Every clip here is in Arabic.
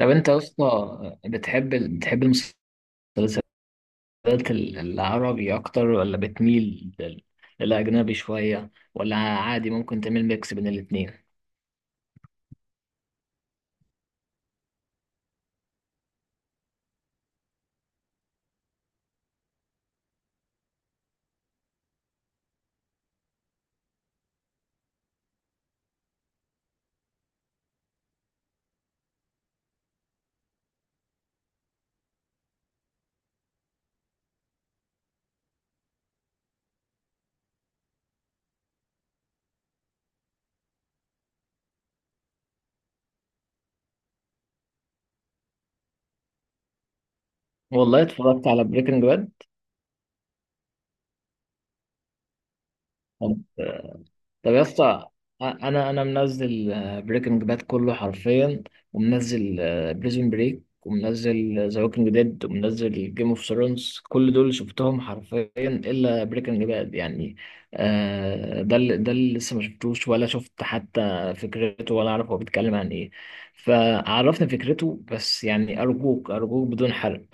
طب انت يا اسطى بتحب بتحب المسلسلات العربي اكتر ولا بتميل للاجنبي شويه ولا عادي ممكن تعمل ميكس بين الاتنين؟ والله اتفرجت على بريكنج باد. طب يا اسطى، انا منزل بريكنج باد كله حرفيا، ومنزل بريزون بريك، ومنزل ذا ووكينج ديد، ومنزل جيم اوف ثرونز. كل دول شفتهم حرفيا الا بريكنج باد يعني. ده اللي لسه ما شفتوش، ولا شفت حتى فكرته، ولا اعرف هو بيتكلم عن ايه. فعرفني فكرته، بس يعني ارجوك ارجوك بدون حرق.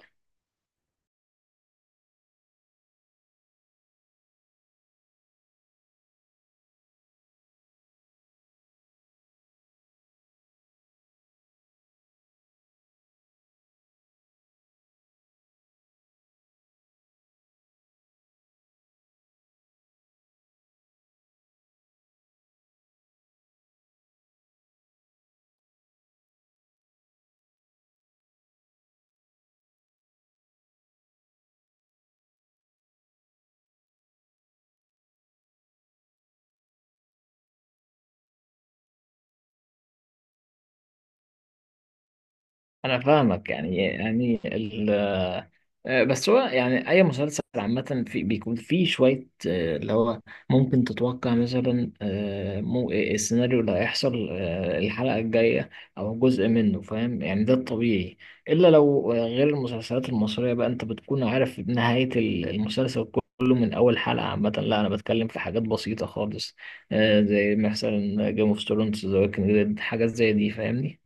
انا فاهمك، يعني بس هو يعني اي مسلسل عامه في بيكون فيه شويه اللي هو ممكن تتوقع مثلا مو إيه السيناريو اللي هيحصل الحلقه الجايه او جزء منه، فاهم يعني؟ ده الطبيعي. الا لو غير المسلسلات المصريه بقى، انت بتكون عارف نهايه المسلسل كله من اول حلقه. عامه لا، انا بتكلم في حاجات بسيطه خالص، زي مثلا جيم اوف ثرونز، ذا ووكينج ديد، حاجات زي دي فاهمني.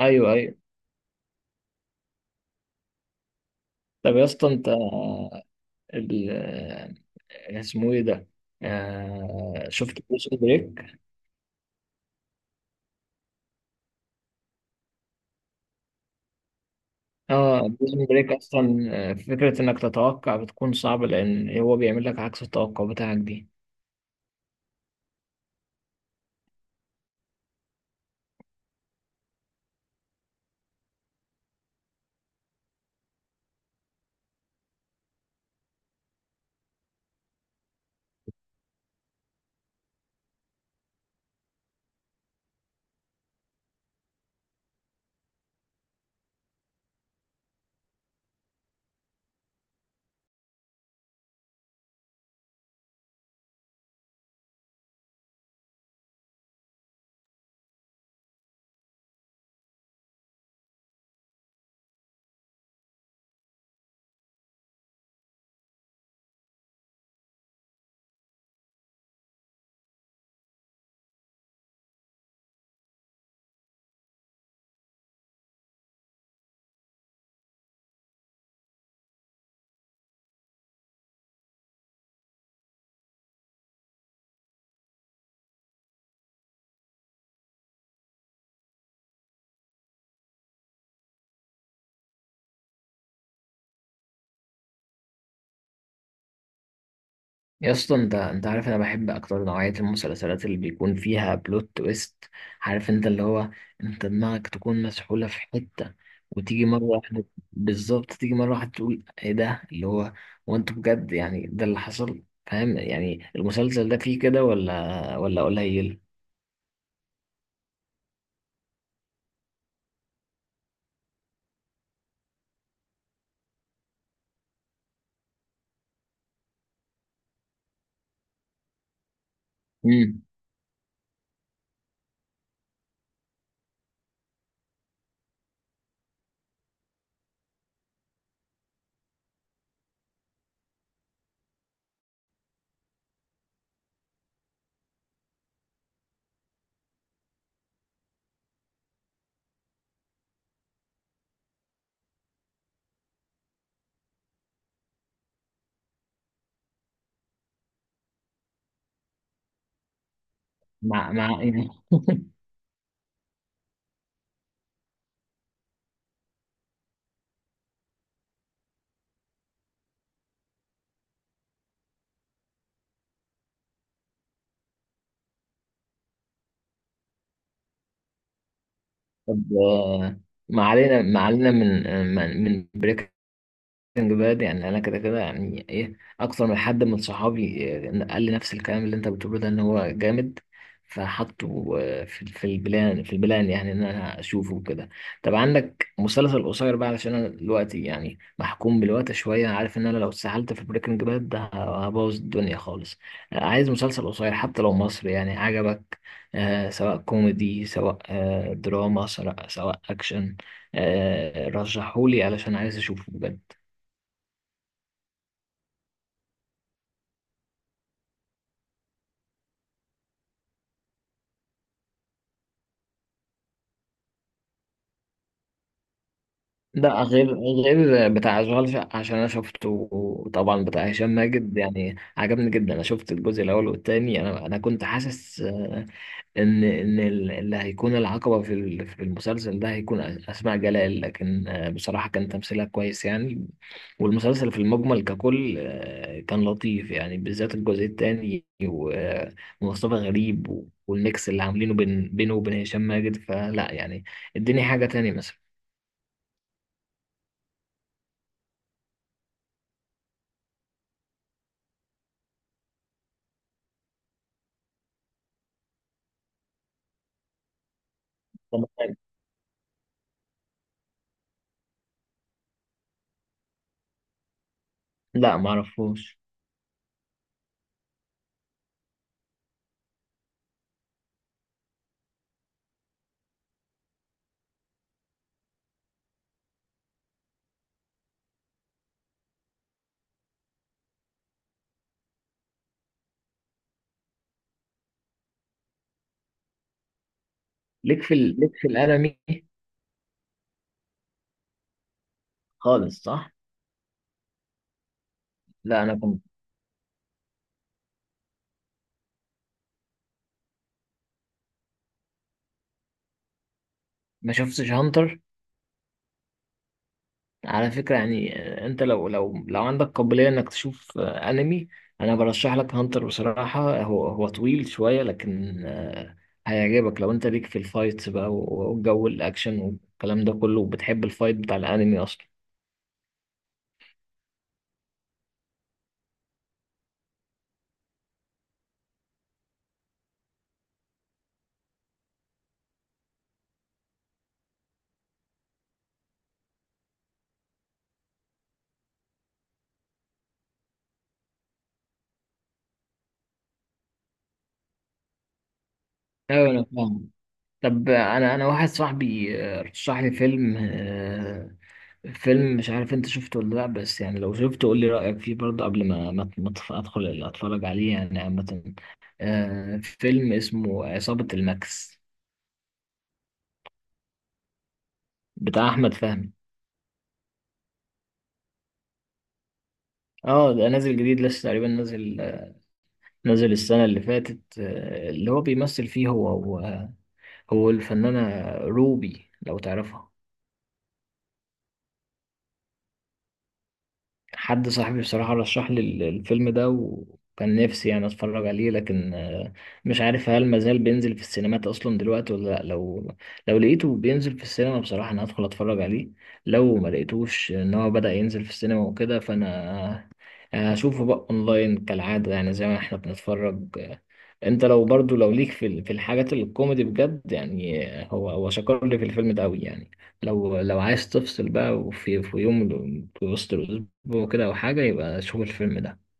ايوه ايوه. طب يا اسطى انت اسمه ايه ده، آه، شفت بريزون بريك؟ اه بريزون بريك اصلا فكره انك تتوقع بتكون صعبه، لان هو بيعمل لك عكس التوقع بتاعك دي. يا اسطى، انت عارف انا بحب اكتر نوعيه المسلسلات اللي بيكون فيها بلوت تويست؟ عارف انت اللي هو انت دماغك تكون مسحوله في حته وتيجي مره واحده، بالظبط تيجي مره واحده تقول ايه ده اللي هو، وانت بجد يعني ده اللي حصل؟ فاهم يعني؟ المسلسل ده فيه كده ولا قليل؟ امم مع مع طب، ما علينا ما علينا من بريك. بجد يعني انا كده كده يعني، ايه، اكتر من حد من صحابي إيه، قال لي نفس الكلام اللي انت بتقوله ده، ان هو جامد. فحطه في البلان، يعني ان انا اشوفه كده. طب عندك مسلسل قصير بقى؟ علشان انا دلوقتي يعني محكوم بالوقت شويه، عارف ان انا لو اتسحلت في بريكنج باد ده هبوظ الدنيا خالص. عايز مسلسل قصير، حتى لو مصري، يعني عجبك، سواء كوميدي، سواء دراما، سواء اكشن، رشحهولي علشان عايز اشوفه بجد. لا، غير، غير بتاع اشغال شقة عشان انا شفته. طبعا، بتاع هشام ماجد يعني عجبني جدا. انا شفت الجزء الاول والتاني. انا كنت حاسس ان ان اللي هيكون العقبة في المسلسل ده هيكون اسماء جلال، لكن بصراحة كان تمثيلها كويس يعني. والمسلسل في المجمل ككل كان لطيف يعني، بالذات الجزء التاني ومصطفى غريب والميكس اللي عاملينه بين وبين هشام ماجد. فلا يعني، اديني حاجة تانية. مثلا؟ لا، ما اعرفوش. ليك في الانمي خالص؟ صح. لا انا كنت، ما شفتش هانتر على فكره يعني. انت لو لو عندك قابليه انك تشوف انمي، انا برشح لك هانتر بصراحه. هو طويل شويه لكن هيعجبك لو انت ليك في الفايتس بقى والجو الاكشن والكلام ده كله، وبتحب الفايت بتاع الانمي اصلا. ايوه، انا فاهم. طب، انا واحد صاحبي رشح لي فيلم، فيلم، مش عارف انت شفته ولا لا، بس يعني لو شفته قول لي رأيك فيه برضه قبل ما ادخل اتفرج عليه يعني. عامة، آه، فيلم اسمه عصابة الماكس، بتاع احمد فهمي. اه، ده نازل جديد لسه تقريبا، نازل نازل السنة اللي فاتت. آه اللي هو بيمثل فيه هو الفنانة روبي لو تعرفها. حد صاحبي بصراحة رشح لي الفيلم ده، وكان نفسي يعني اتفرج عليه، لكن مش عارف هل مازال بينزل في السينمات اصلا دلوقتي ولا لا. لو لو لقيته بينزل في السينما، بصراحة انا هدخل اتفرج عليه. لو ما لقيتوش ان هو بدأ ينزل في السينما وكده، فانا هشوفه بقى اونلاين كالعادة يعني، زي ما احنا بنتفرج. انت لو برضو لو ليك في الحاجات الكوميدي بجد يعني، هو هو شكر لي في الفيلم ده قوي يعني. لو لو عايز تفصل بقى، في يوم في وسط الاسبوع كده او حاجه، يبقى شوف الفيلم ده.